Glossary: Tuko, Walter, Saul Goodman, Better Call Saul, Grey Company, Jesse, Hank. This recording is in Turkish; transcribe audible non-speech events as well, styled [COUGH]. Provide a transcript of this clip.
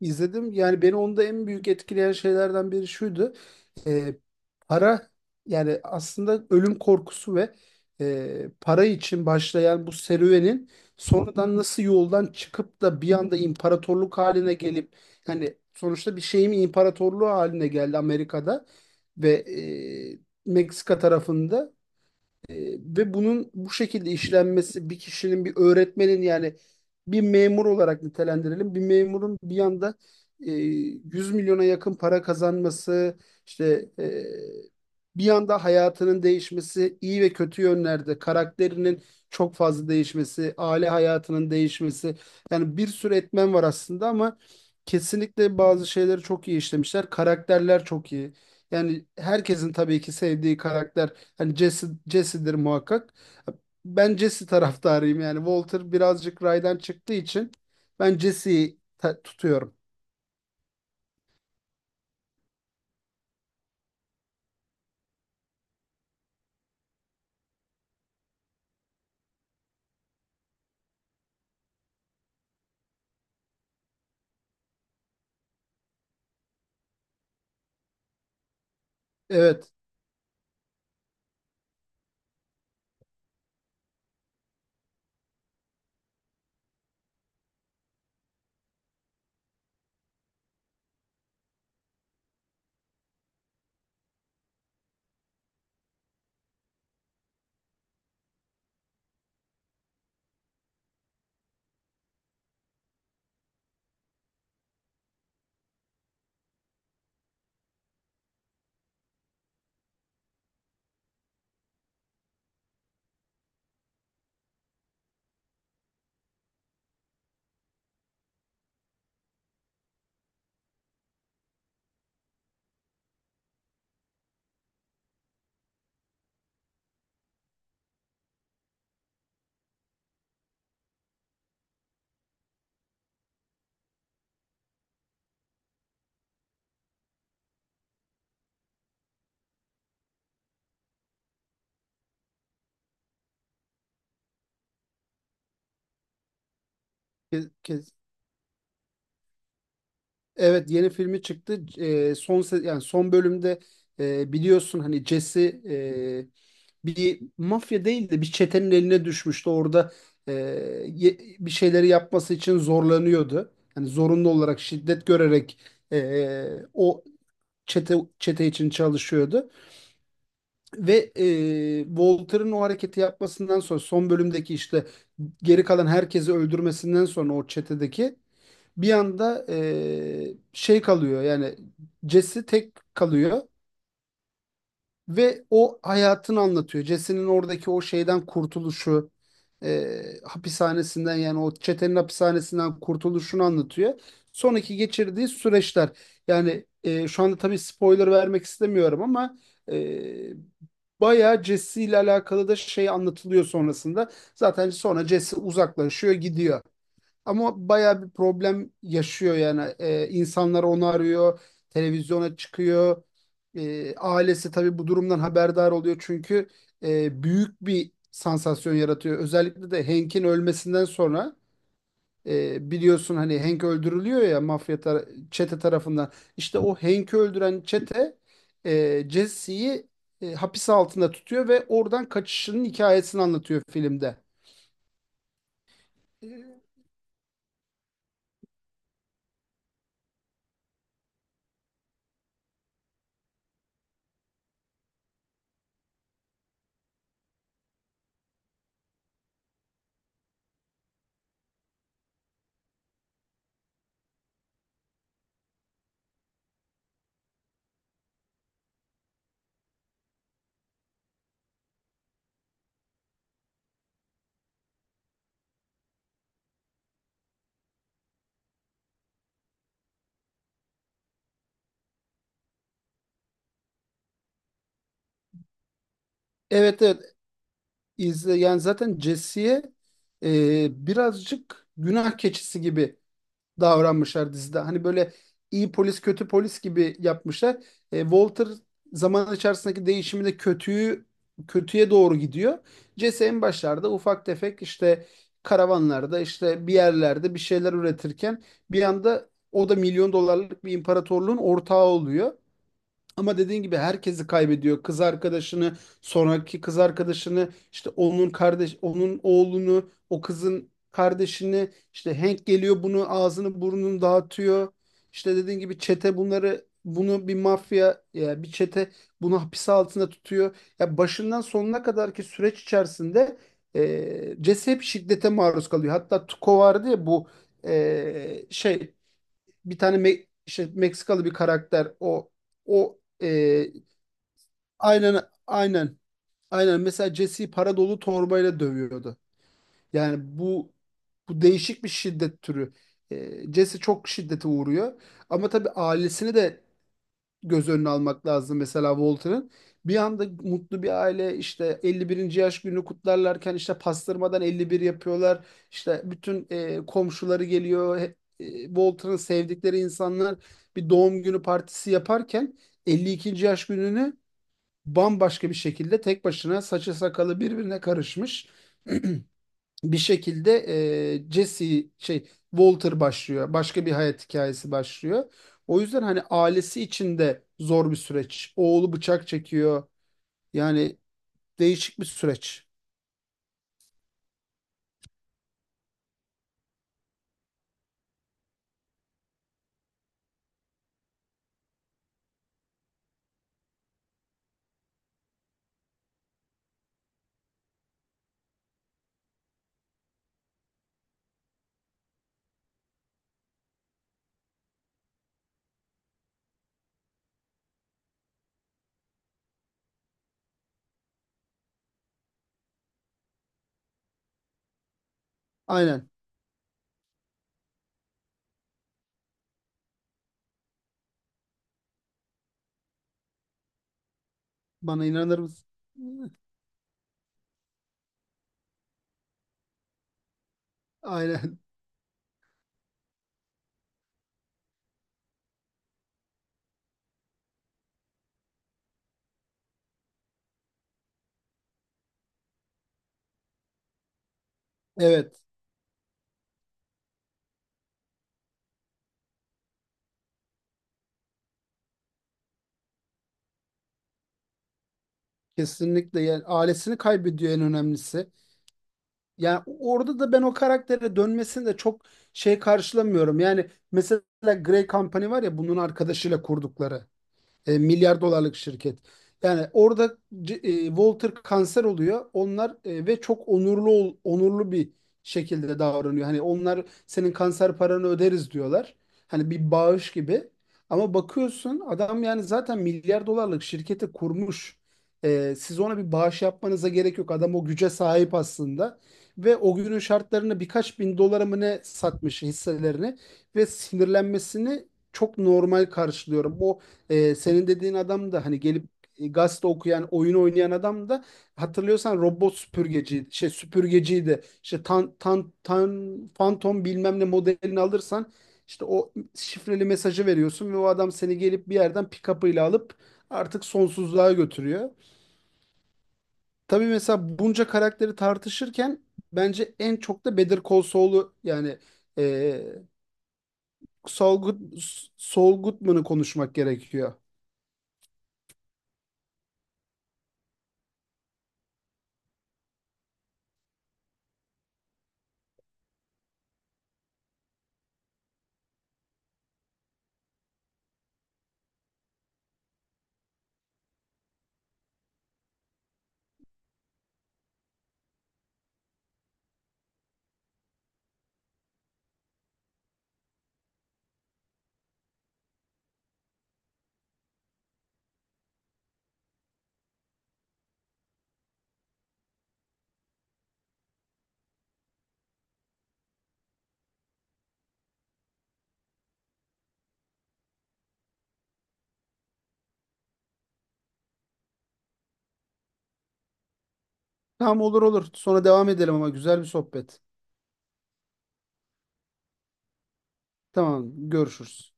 İzledim. Yani beni onda en büyük etkileyen şeylerden biri şuydu. Ee, para yani aslında ölüm korkusu ve para için başlayan bu serüvenin sonradan nasıl yoldan çıkıp da bir anda imparatorluk haline gelip hani sonuçta bir şeyin imparatorluğu haline geldi Amerika'da ve Meksika tarafında. E, ve bunun bu şekilde işlenmesi, bir kişinin, bir öğretmenin, yani bir memur olarak nitelendirelim, bir memurun bir yanda 100 milyona yakın para kazanması, işte bir yanda hayatının değişmesi, iyi ve kötü yönlerde karakterinin çok fazla değişmesi, aile hayatının değişmesi, yani bir sürü etmen var aslında, ama kesinlikle bazı şeyleri çok iyi işlemişler. Karakterler çok iyi. Yani herkesin tabii ki sevdiği karakter, hani Jesse, Jesse'dir muhakkak. Ben Jesse taraftarıyım yani. Walter birazcık raydan çıktığı için ben Jesse'yi tutuyorum. Evet. ke- ke- Evet, yeni filmi çıktı. Yani son bölümde biliyorsun, hani Jesse e, bir mafya değil de bir çetenin eline düşmüştü. Orada e, bir şeyleri yapması için zorlanıyordu. Hani zorunlu olarak şiddet görerek o çete için çalışıyordu. Ve Walter'ın o hareketi yapmasından sonra, son bölümdeki işte geri kalan herkesi öldürmesinden sonra, o çetedeki bir anda şey kalıyor, yani Jesse tek kalıyor ve o hayatını anlatıyor. Jesse'nin oradaki o şeyden kurtuluşu, e, hapishanesinden, yani o çetenin hapishanesinden kurtuluşunu anlatıyor. Sonraki geçirdiği süreçler. Yani şu anda tabii spoiler vermek istemiyorum ama e, bayağı Jesse ile alakalı da şey anlatılıyor sonrasında. Zaten sonra Jesse uzaklaşıyor, gidiyor. Ama bayağı bir problem yaşıyor yani. İnsanlar onu arıyor, televizyona çıkıyor. Ailesi tabii bu durumdan haberdar oluyor, çünkü büyük bir sansasyon yaratıyor. Özellikle de Hank'in ölmesinden sonra biliyorsun, hani Hank öldürülüyor ya mafya çete tarafından. İşte o Hank'i öldüren çete Jesse'yi hapis altında tutuyor ve oradan kaçışının hikayesini anlatıyor filmde. Evet, evet, izle. Yani zaten Jesse'ye birazcık günah keçisi gibi davranmışlar dizide. Hani böyle iyi polis kötü polis gibi yapmışlar. Walter zaman içerisindeki değişiminde kötüyü kötüye doğru gidiyor. Jesse en başlarda ufak tefek işte karavanlarda, işte bir yerlerde bir şeyler üretirken bir anda o da milyon dolarlık bir imparatorluğun ortağı oluyor. Ama dediğin gibi herkesi kaybediyor. Kız arkadaşını, sonraki kız arkadaşını, işte onun kardeş, onun oğlunu, o kızın kardeşini, işte Hank geliyor bunu ağzını burnunu dağıtıyor. İşte dediğin gibi çete bunu, bir mafya ya bir çete bunu hapis altında tutuyor. Ya başından sonuna kadarki süreç içerisinde Jesse hep şiddete maruz kalıyor. Hatta Tuko vardı ya, bu şey, bir tane işte Meksikalı bir karakter, o aynen, aynen, aynen, mesela Jesse'yi para dolu torbayla dövüyordu. Yani bu değişik bir şiddet türü. Jesse çok şiddete uğruyor, ama tabii ailesini de göz önüne almak lazım. Mesela Walter'ın bir anda mutlu bir aile işte 51. yaş günü kutlarlarken, işte pastırmadan 51 yapıyorlar. İşte bütün komşuları geliyor. Walter'ın sevdikleri insanlar bir doğum günü partisi yaparken, 52. yaş gününü bambaşka bir şekilde, tek başına, saçı sakalı birbirine karışmış [CLEARS THROAT] bir şekilde Jesse şey Walter başlıyor. Başka bir hayat hikayesi başlıyor. O yüzden hani ailesi için de zor bir süreç. Oğlu bıçak çekiyor. Yani değişik bir süreç. Aynen. Bana inanır mısın? [LAUGHS] Aynen. Evet. Kesinlikle. Yani ailesini kaybediyor, en önemlisi. Yani orada da ben o karaktere dönmesini de çok şey karşılamıyorum. Yani mesela Grey Company var ya, bunun arkadaşıyla kurdukları. Milyar dolarlık şirket. Yani orada Walter kanser oluyor. Onlar ve çok onurlu bir şekilde davranıyor. Hani onlar senin kanser paranı öderiz diyorlar. Hani bir bağış gibi. Ama bakıyorsun adam yani zaten milyar dolarlık şirketi kurmuş. Siz ona bir bağış yapmanıza gerek yok. Adam o güce sahip aslında. Ve o günün şartlarını birkaç bin dolara mı ne satmış hisselerini, ve sinirlenmesini çok normal karşılıyorum. Bu senin dediğin adam da, hani gelip gazete okuyan, oyun oynayan adam da, hatırlıyorsan robot süpürgeci, şey süpürgeciydi. İşte tan, tan, tan, Phantom bilmem ne modelini alırsan, işte o şifreli mesajı veriyorsun ve o adam seni gelip bir yerden pick-up'ıyla alıp artık sonsuzluğa götürüyor. Tabii mesela bunca karakteri tartışırken bence en çok da Better Call Saul'u, yani e, Saul Good, Saul Goodman'ı konuşmak gerekiyor. Tamam, olur olur. Sonra devam edelim, ama güzel bir sohbet. Tamam, görüşürüz.